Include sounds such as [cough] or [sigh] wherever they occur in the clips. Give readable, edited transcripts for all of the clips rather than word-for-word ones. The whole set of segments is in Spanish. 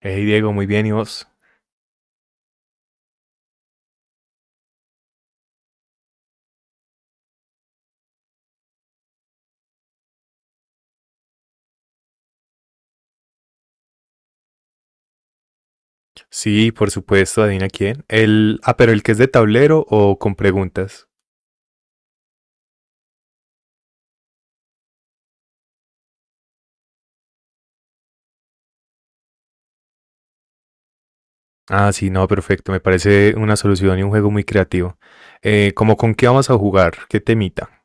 Hey Diego, muy bien, ¿y vos? Sí, por supuesto, adivina quién. Pero el que es de tablero o con preguntas. Ah, sí, no, perfecto, me parece una solución y un juego muy creativo. ¿Cómo con qué vamos a jugar? ¿Qué temita?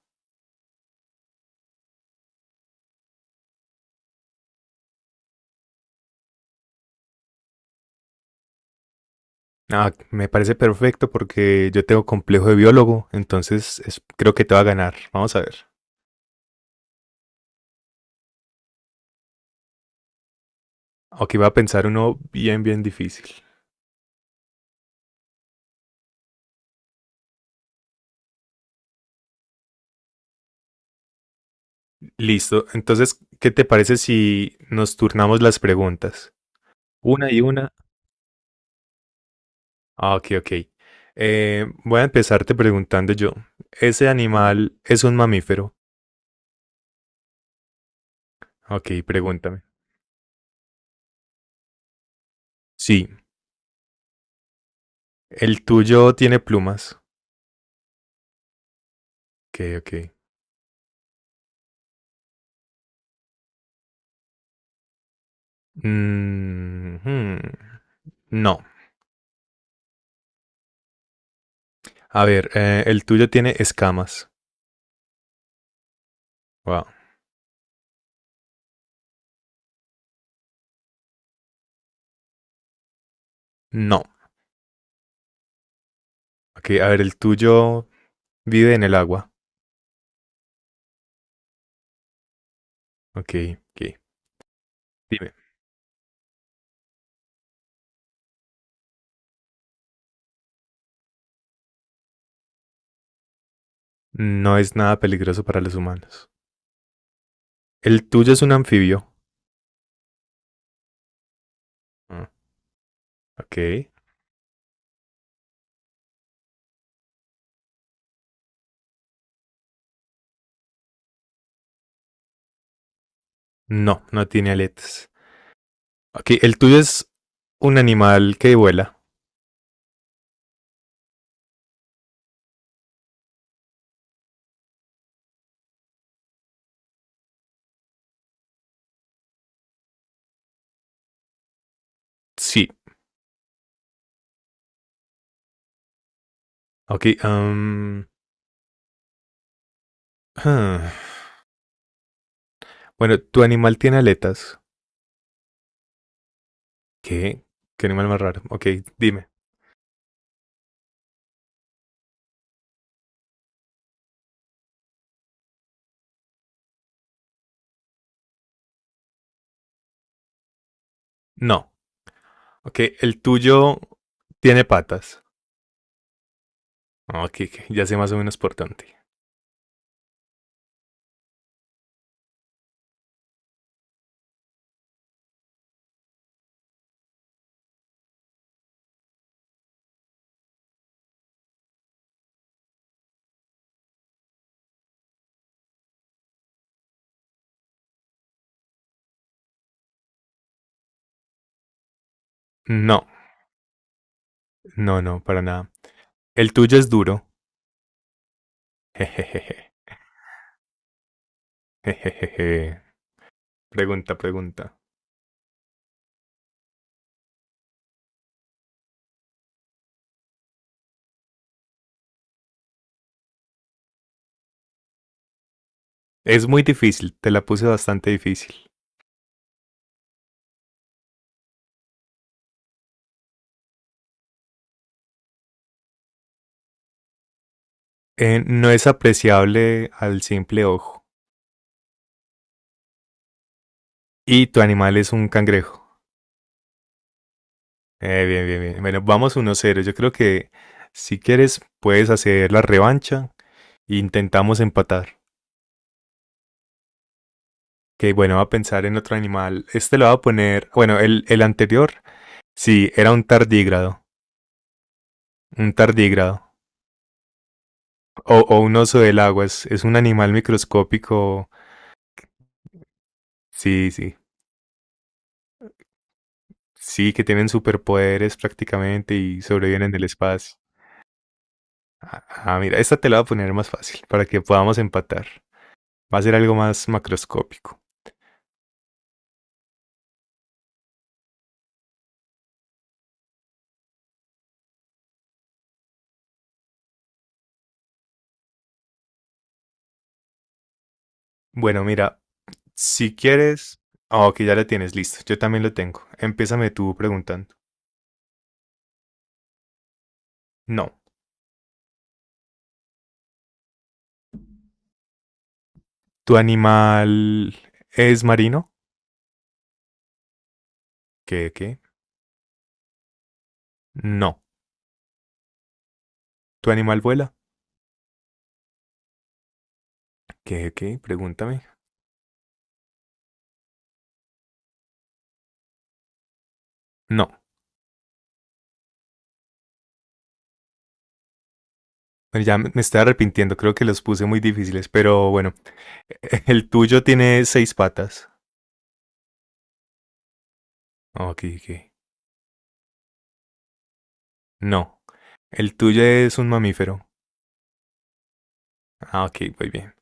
Ah, me parece perfecto porque yo tengo complejo de biólogo, entonces creo que te va a ganar. Vamos a ver. Ok, va a pensar uno bien, bien difícil. Listo, entonces, ¿qué te parece si nos turnamos las preguntas? Una y una. Ah, ok, ok. Voy a empezarte preguntando yo. ¿Ese animal es un mamífero? Ok, pregúntame. Sí. ¿El tuyo tiene plumas? Ok, ok. Mm, hmm. No. A ver, ¿el tuyo tiene escamas? Wow. No. Ok, a ver, ¿el tuyo vive en el agua? Ok, ok. Dime. No es nada peligroso para los humanos. ¿El tuyo es un anfibio? Ah, ok. No, no tiene aletas. Ok, el tuyo es un animal que vuela. Sí. Ok, ah, [sighs] bueno, tu animal tiene aletas. ¿Qué? ¿Qué animal más raro? Ok, dime. No. Ok, el tuyo tiene patas. Ok, ok, ya sé más o menos por dónde. No, no, no, para nada. El tuyo es duro. [laughs] Jejejeje. Jejejeje. Pregunta, pregunta. Es muy difícil, te la puse bastante difícil. No es apreciable al simple ojo. Y tu animal es un cangrejo. Bien, bien, bien. Bueno, vamos 1-0. Yo creo que si quieres puedes hacer la revancha e intentamos empatar. Que bueno, va a pensar en otro animal. Este lo va a poner. Bueno, el anterior, sí, era un tardígrado. Un tardígrado. O un oso del agua. Es un animal microscópico. Sí, sí. Sí, que tienen superpoderes prácticamente y sobreviven en el espacio. Ah, ah, mira, esta te la voy a poner más fácil para que podamos empatar. Va a ser algo más macroscópico. Bueno, mira, si quieres. Ah, ok, ya la tienes, listo. Yo también lo tengo. Empiézame tú preguntando. No. ¿Tu animal es marino? ¿Qué, qué? No. ¿Tu animal vuela? ¿Qué, qué? Pregúntame. No. Bueno, ya me estoy arrepintiendo, creo que los puse muy difíciles, pero bueno. [laughs] El tuyo tiene seis patas. Ok, ok. No. El tuyo es un mamífero. Ah, ok, muy bien.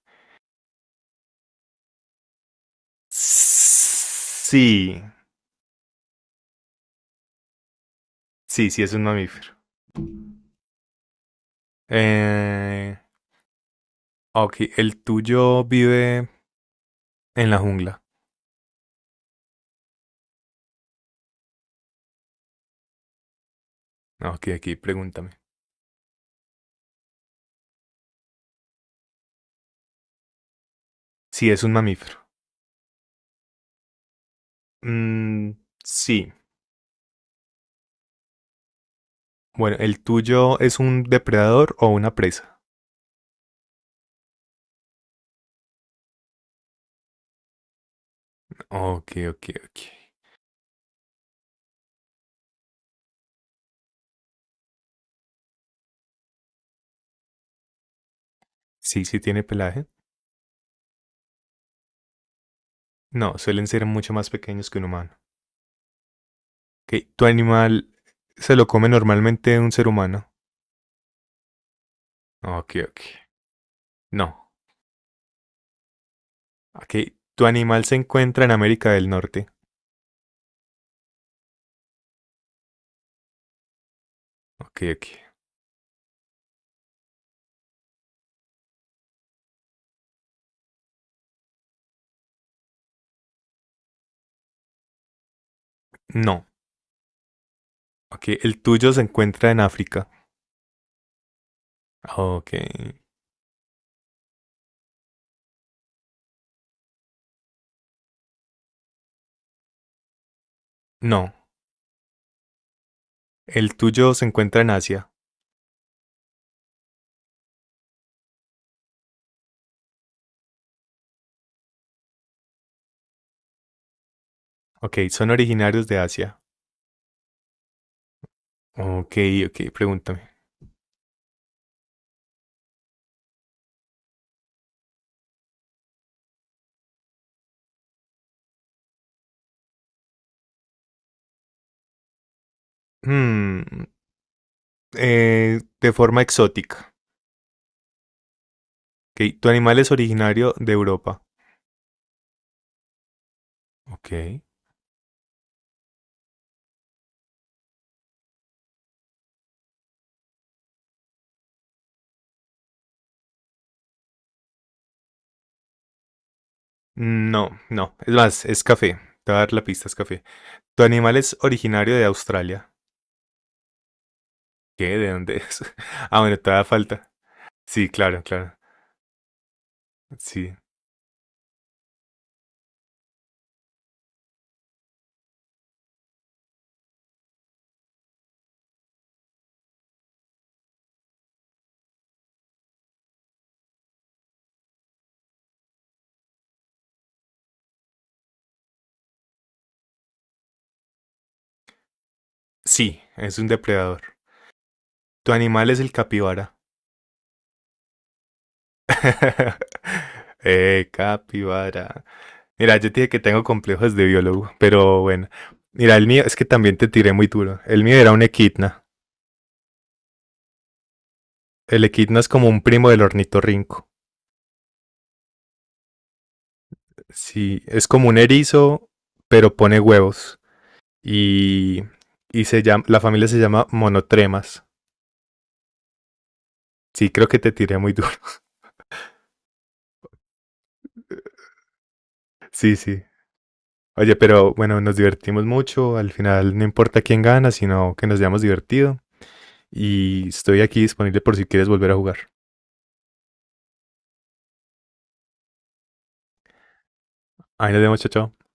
Sí. Sí, sí es un mamífero. Eh, Ah, ok, el tuyo vive en la jungla. Ah, ok, aquí pregúntame. Si es un mamífero. Mm, sí. Bueno, ¿el tuyo es un depredador o una presa? Ok, ok, ok. Sí, sí tiene pelaje. No, suelen ser mucho más pequeños que un humano. Ok, ¿tu animal se lo come normalmente un ser humano? Ah, ok, ok. No. Ok, ¿tu animal se encuentra en América del Norte? Ok, ok. No. Ok, ¿el tuyo se encuentra en África? Ah, ok. No. El tuyo se encuentra en Asia. Ok, son originarios de Asia. Ok, ok, pregúntame. Hmm, de forma exótica. Ok, tu animal es originario de Europa. Ok. No, no. Es más, es café. Te voy a dar la pista, es café. Tu animal es originario de Australia. ¿Qué? ¿De dónde es? [laughs] Ah, bueno, todavía falta. Sí, claro, claro. Sí. Sí, es un depredador. Tu animal es el capibara. [laughs] Capibara. Mira, yo te dije que tengo complejos de biólogo, pero bueno. Mira, el mío es que también te tiré muy duro. El mío era un equidna. El equidna es como un primo del ornitorrinco. Sí, es como un erizo, pero pone huevos. Y, y se llama, la familia se llama monotremas. Sí, creo que te tiré muy duro. [laughs] Sí, sí. Oye, pero bueno, nos divertimos mucho. Al final no importa quién gana, sino que nos hayamos divertido. Y estoy aquí disponible por si quieres volver a jugar. Ahí nos vemos, chao, chao.